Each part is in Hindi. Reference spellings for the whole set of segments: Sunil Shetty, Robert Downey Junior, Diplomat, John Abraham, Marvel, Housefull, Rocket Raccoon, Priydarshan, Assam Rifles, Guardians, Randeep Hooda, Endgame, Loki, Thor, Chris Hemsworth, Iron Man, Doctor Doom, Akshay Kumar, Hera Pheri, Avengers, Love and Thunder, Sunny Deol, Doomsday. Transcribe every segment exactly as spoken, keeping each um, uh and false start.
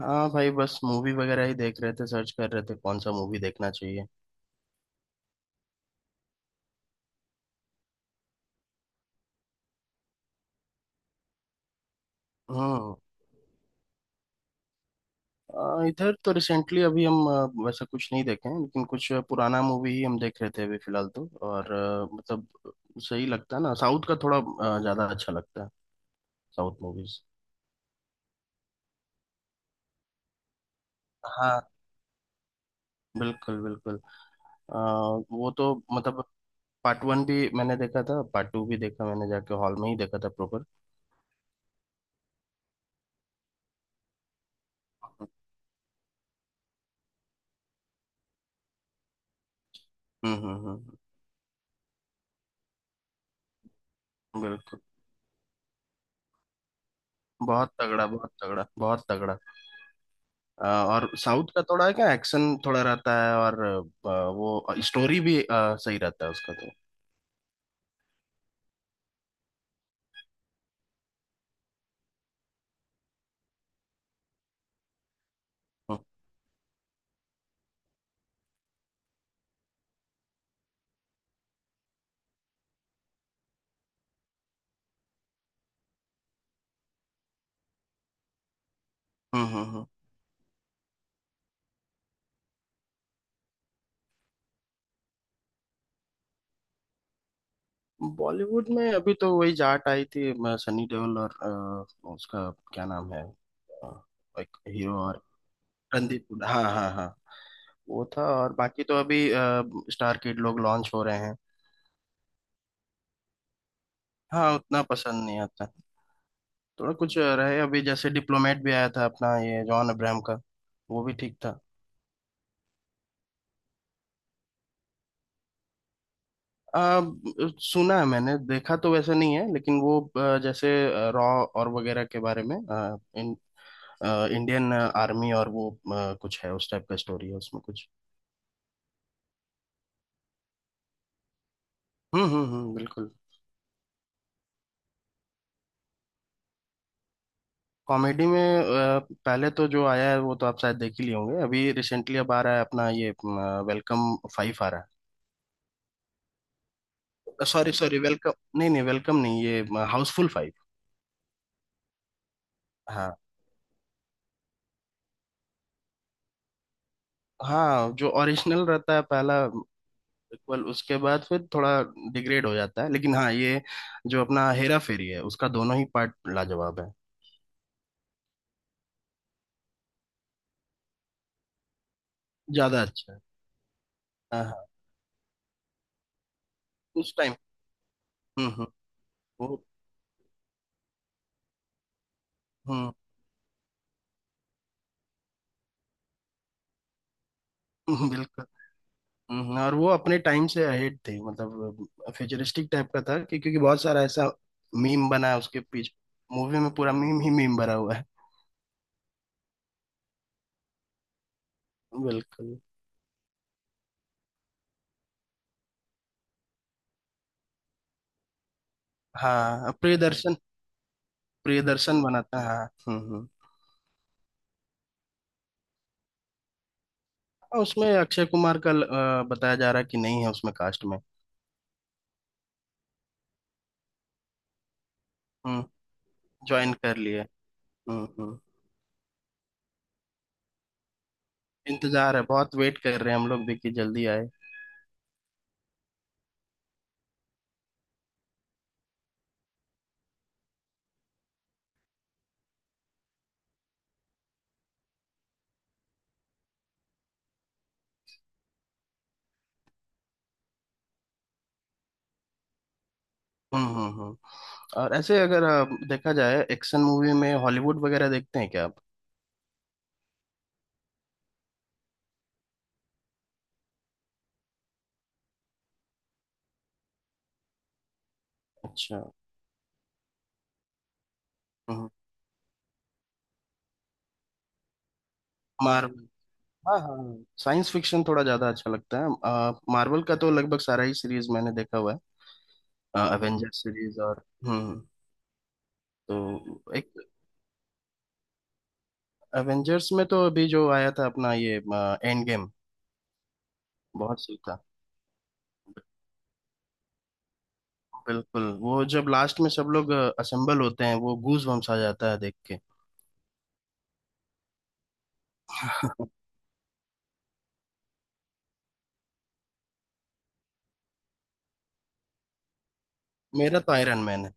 हाँ भाई, बस मूवी वगैरह ही देख रहे थे। सर्च कर रहे थे कौन सा मूवी देखना चाहिए। हम्म। अ, इधर तो रिसेंटली अभी हम अ, वैसा कुछ नहीं देखे हैं, लेकिन कुछ पुराना मूवी ही हम देख रहे थे अभी फिलहाल तो। और अ, मतलब सही लगता है ना, साउथ का थोड़ा अ, ज्यादा अच्छा लगता है। South movies. हाँ, बिल्कुल बिल्कुल। अ, वो तो मतलब पार्ट वन भी मैंने देखा था, पार्ट टू भी देखा मैंने, जाके हॉल में ही देखा था प्रॉपर। हम्म हम्म हम्म, बिल्कुल। बहुत तगड़ा, बहुत तगड़ा, बहुत तगड़ा। अ, और साउथ का थोड़ा क्या एक्शन थोड़ा रहता है, और अ, वो स्टोरी भी अ, सही रहता है उसका तो। हम्म हम्म हम्म हम्म। बॉलीवुड में अभी तो वही जाट आई थी, म, सनी देओल और अ, उसका क्या नाम है, अ, एक हीरो और रणदीप हुड्डा। हाँ हाँ हाँ, वो था। और बाकी तो अभी स्टार किड लोग लॉन्च हो रहे हैं। हाँ, उतना पसंद नहीं आता। थोड़ा कुछ रहे अभी, जैसे डिप्लोमेट भी आया था अपना ये जॉन अब्राहम का, वो भी ठीक था। आ, सुना है, मैंने देखा तो वैसा नहीं है, लेकिन वो अ, जैसे रॉ और वगैरह के बारे में अ, इन, अ, इंडियन आर्मी और वो अ, कुछ है, उस टाइप का स्टोरी है उसमें कुछ। हम्म हम्म हम्म, बिल्कुल। कॉमेडी में अ, पहले तो जो आया है वो तो आप शायद देख ही लिए होंगे। अभी रिसेंटली अब आ रहा है अपना ये वेलकम फाइव आ रहा है। सॉरी सॉरी, वेलकम नहीं, नहीं वेलकम नहीं, ये हाउसफुल फाइव। हाँ, हाँ जो ओरिजिनल रहता है पहला, बिल्कुल। उसके बाद फिर थोड़ा डिग्रेड हो जाता है, लेकिन हाँ, ये जो अपना हेरा फेरी है उसका दोनों ही पार्ट लाजवाब है। ज्यादा अच्छा है। हाँ हाँ, उस टाइम। हम्म हम्म। वो। हम्म। बिल्कुल। हम्म, हम्म, और वो अपने टाइम से अहेड थी, मतलब फ्यूचरिस्टिक टाइप का था। कि क्योंकि बहुत सारा ऐसा मीम बना है उसके पीछे, मूवी में पूरा मीम ही मीम भरा हुआ है। बिल्कुल। हाँ, प्रियदर्शन। प्रियदर्शन बना था, हाँ। हम्म हम्म। और उसमें अक्षय कुमार का ल- अ, बताया जा रहा है कि नहीं है उसमें कास्ट में। हम्म। ज्वाइन कर लिए। हम्म हम्म, इंतजार है, बहुत वेट कर रहे हैं हम लोग, देखिए जल्दी आए। हम्म हम्म, हम्म। और ऐसे अगर अ, देखा जाए, एक्शन मूवी में हॉलीवुड वगैरह देखते हैं क्या आप? अच्छा। हम्म। मार्वल, हाँ हाँ, साइंस फिक्शन थोड़ा ज्यादा अच्छा लगता है। मार्वल का तो लगभग सारा ही सीरीज मैंने देखा हुआ है, अवेंजर्स सीरीज और हम्म। तो एक, अवेंजर्स में तो अभी जो आया था अपना ये एंड गेम, बहुत सही था। बिल्कुल, वो जब लास्ट में सब लोग असेंबल होते हैं, वो गूज बम्स आ जाता है देख के। मेरा तो आयरन मैन है।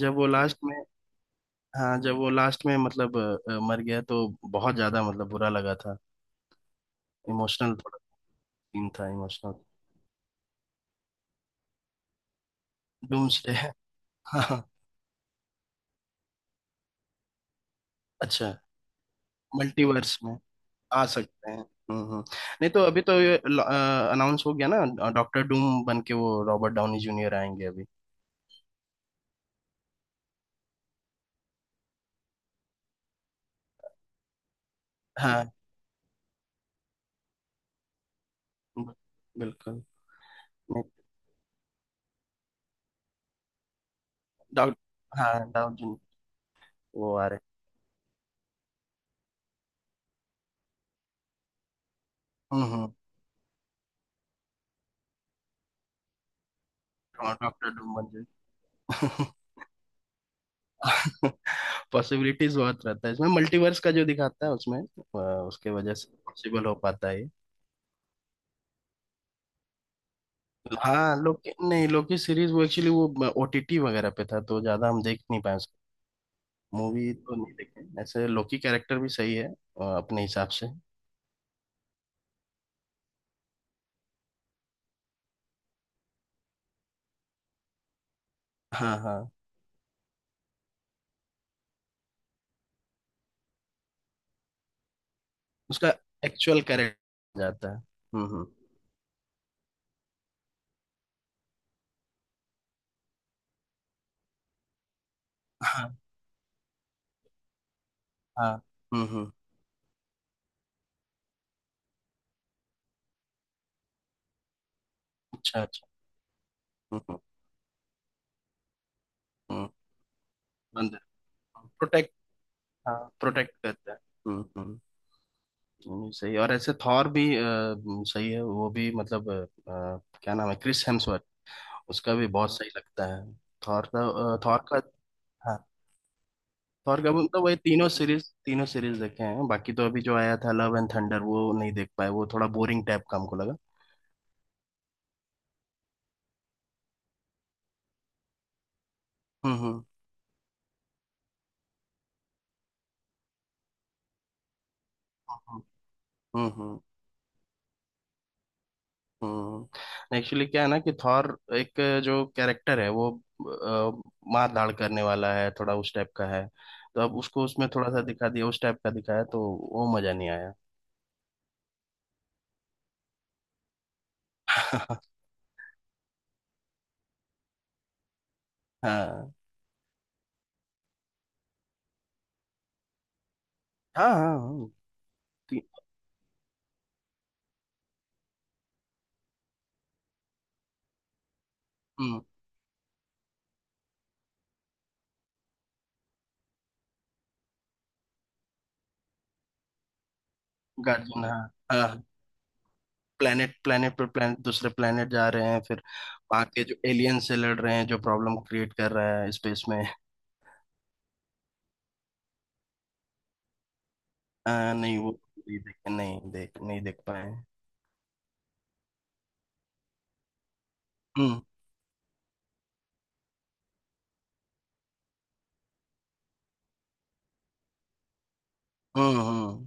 जब वो लास्ट में, हाँ जब वो लास्ट में मतलब अ, मर गया, तो बहुत ज्यादा मतलब बुरा लगा था। इमोशनल थोड़ा, सीन था इमोशनल। डूम्सडे है। हाँ। अच्छा, मल्टीवर्स में आ सकते हैं। हम्म हम्म। नहीं, तो अभी तो ये अनाउंस हो गया ना, डॉक्टर डूम बन के वो रॉबर्ट डाउनी जूनियर आएंगे अभी। हाँ, बिल्कुल। नहीं, डॉक, हाँ डाउनी। वो आ रहे। हम्म हम्म। डॉक्टर डूम बन जाए। पॉसिबिलिटीज बहुत रहता है इसमें, मल्टीवर्स का जो दिखाता है उसमें, अ, उसके वजह से पॉसिबल हो पाता है ये। हाँ लोकी, नहीं लोकी सीरीज वो एक्चुअली वो ओटीटी वगैरह पे था, तो ज्यादा हम देख नहीं पाए उसको। मूवी तो नहीं देखे ऐसे, लोकी कैरेक्टर भी सही है अ, अपने हिसाब से। हाँ हाँ, उसका एक्चुअल कैरेक्टर जाता है। हम्म हम्म। हाँ हाँ। हम्म हम्म। अच्छा अच्छा। हम्म हम्म हम्म, बंदर, प्रोटेक्ट, हाँ प्रोटेक्ट करता है। हम्म हम्म। हम्म, सही। और ऐसे थॉर भी अ, हम्म, सही है वो भी, मतलब अ, अ, क्या नाम है, क्रिस हेम्सवर्थ, उसका भी बहुत सही लगता है थॉर का। अ, थॉर का, हाँ थॉर का, मतलब वही तीनों सीरीज, तीनों सीरीज देखे हैं। बाकी तो अभी जो आया था लव एंड थंडर वो नहीं देख पाए, वो थोड़ा बोरिंग टाइप का हमको लगा। हम्म हम्म हम्म हम्म हम्म हम्म। एक्चुअली क्या है ना कि थॉर, एक जो कैरेक्टर है वो अ, मार धाड़ करने वाला है, थोड़ा उस टाइप का है। तो अब उसको उसमें थोड़ा सा दिखा दिया, उस टाइप का दिखाया, तो वो मजा नहीं आया। हाँ हाँ हाँ। ती- हम्म, गार्जियन, हाँ हाँ। प्लेनेट प्लेनेट पर प्लेनेट, दूसरे प्लेनेट जा रहे हैं फिर, वहां के जो एलियन से लड़ रहे हैं जो प्रॉब्लम क्रिएट कर रहा है स्पेस में। हाँ, नहीं वो नहीं देख, नहीं देख, नहीं देख पाए। हम्म हम्म हम्म।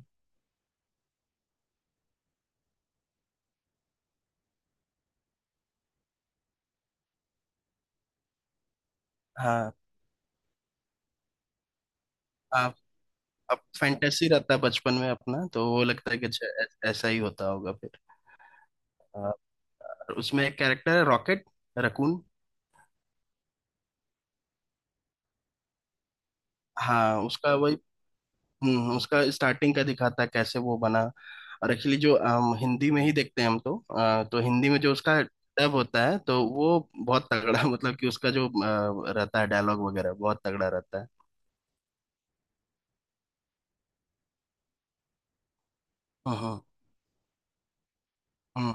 हाँ आप, अब फैंटेसी रहता है बचपन में अपना, तो वो लगता है कि अच्छा, ऐ- ऐसा ही होता होगा फिर। हाँ, उसमें एक कैरेक्टर है रॉकेट रकून। हाँ उसका वही। हम्म, उसका स्टार्टिंग का दिखाता है कैसे वो बना। और एक्चुअली जो अम, हिंदी में ही देखते हैं हम तो, अ, तो हिंदी में जो उसका डब होता है तो वो बहुत तगड़ा। मतलब कि उसका जो अ, रहता है डायलॉग वगैरह, बहुत तगड़ा रहता है। हम्म हम्म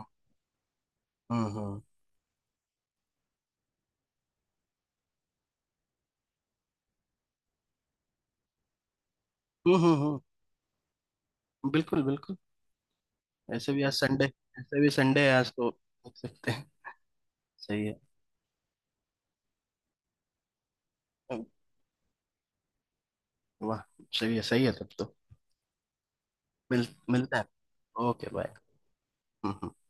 हम्म हम्म हम्म हम्म, हम्म, बिल्कुल बिल्कुल। ऐसे भी आज संडे, ऐसे भी संडे है आज तो, देख सकते हैं। सही है। वाह, सही है सही है तब तो। मिल मिलता है। Okay, bye.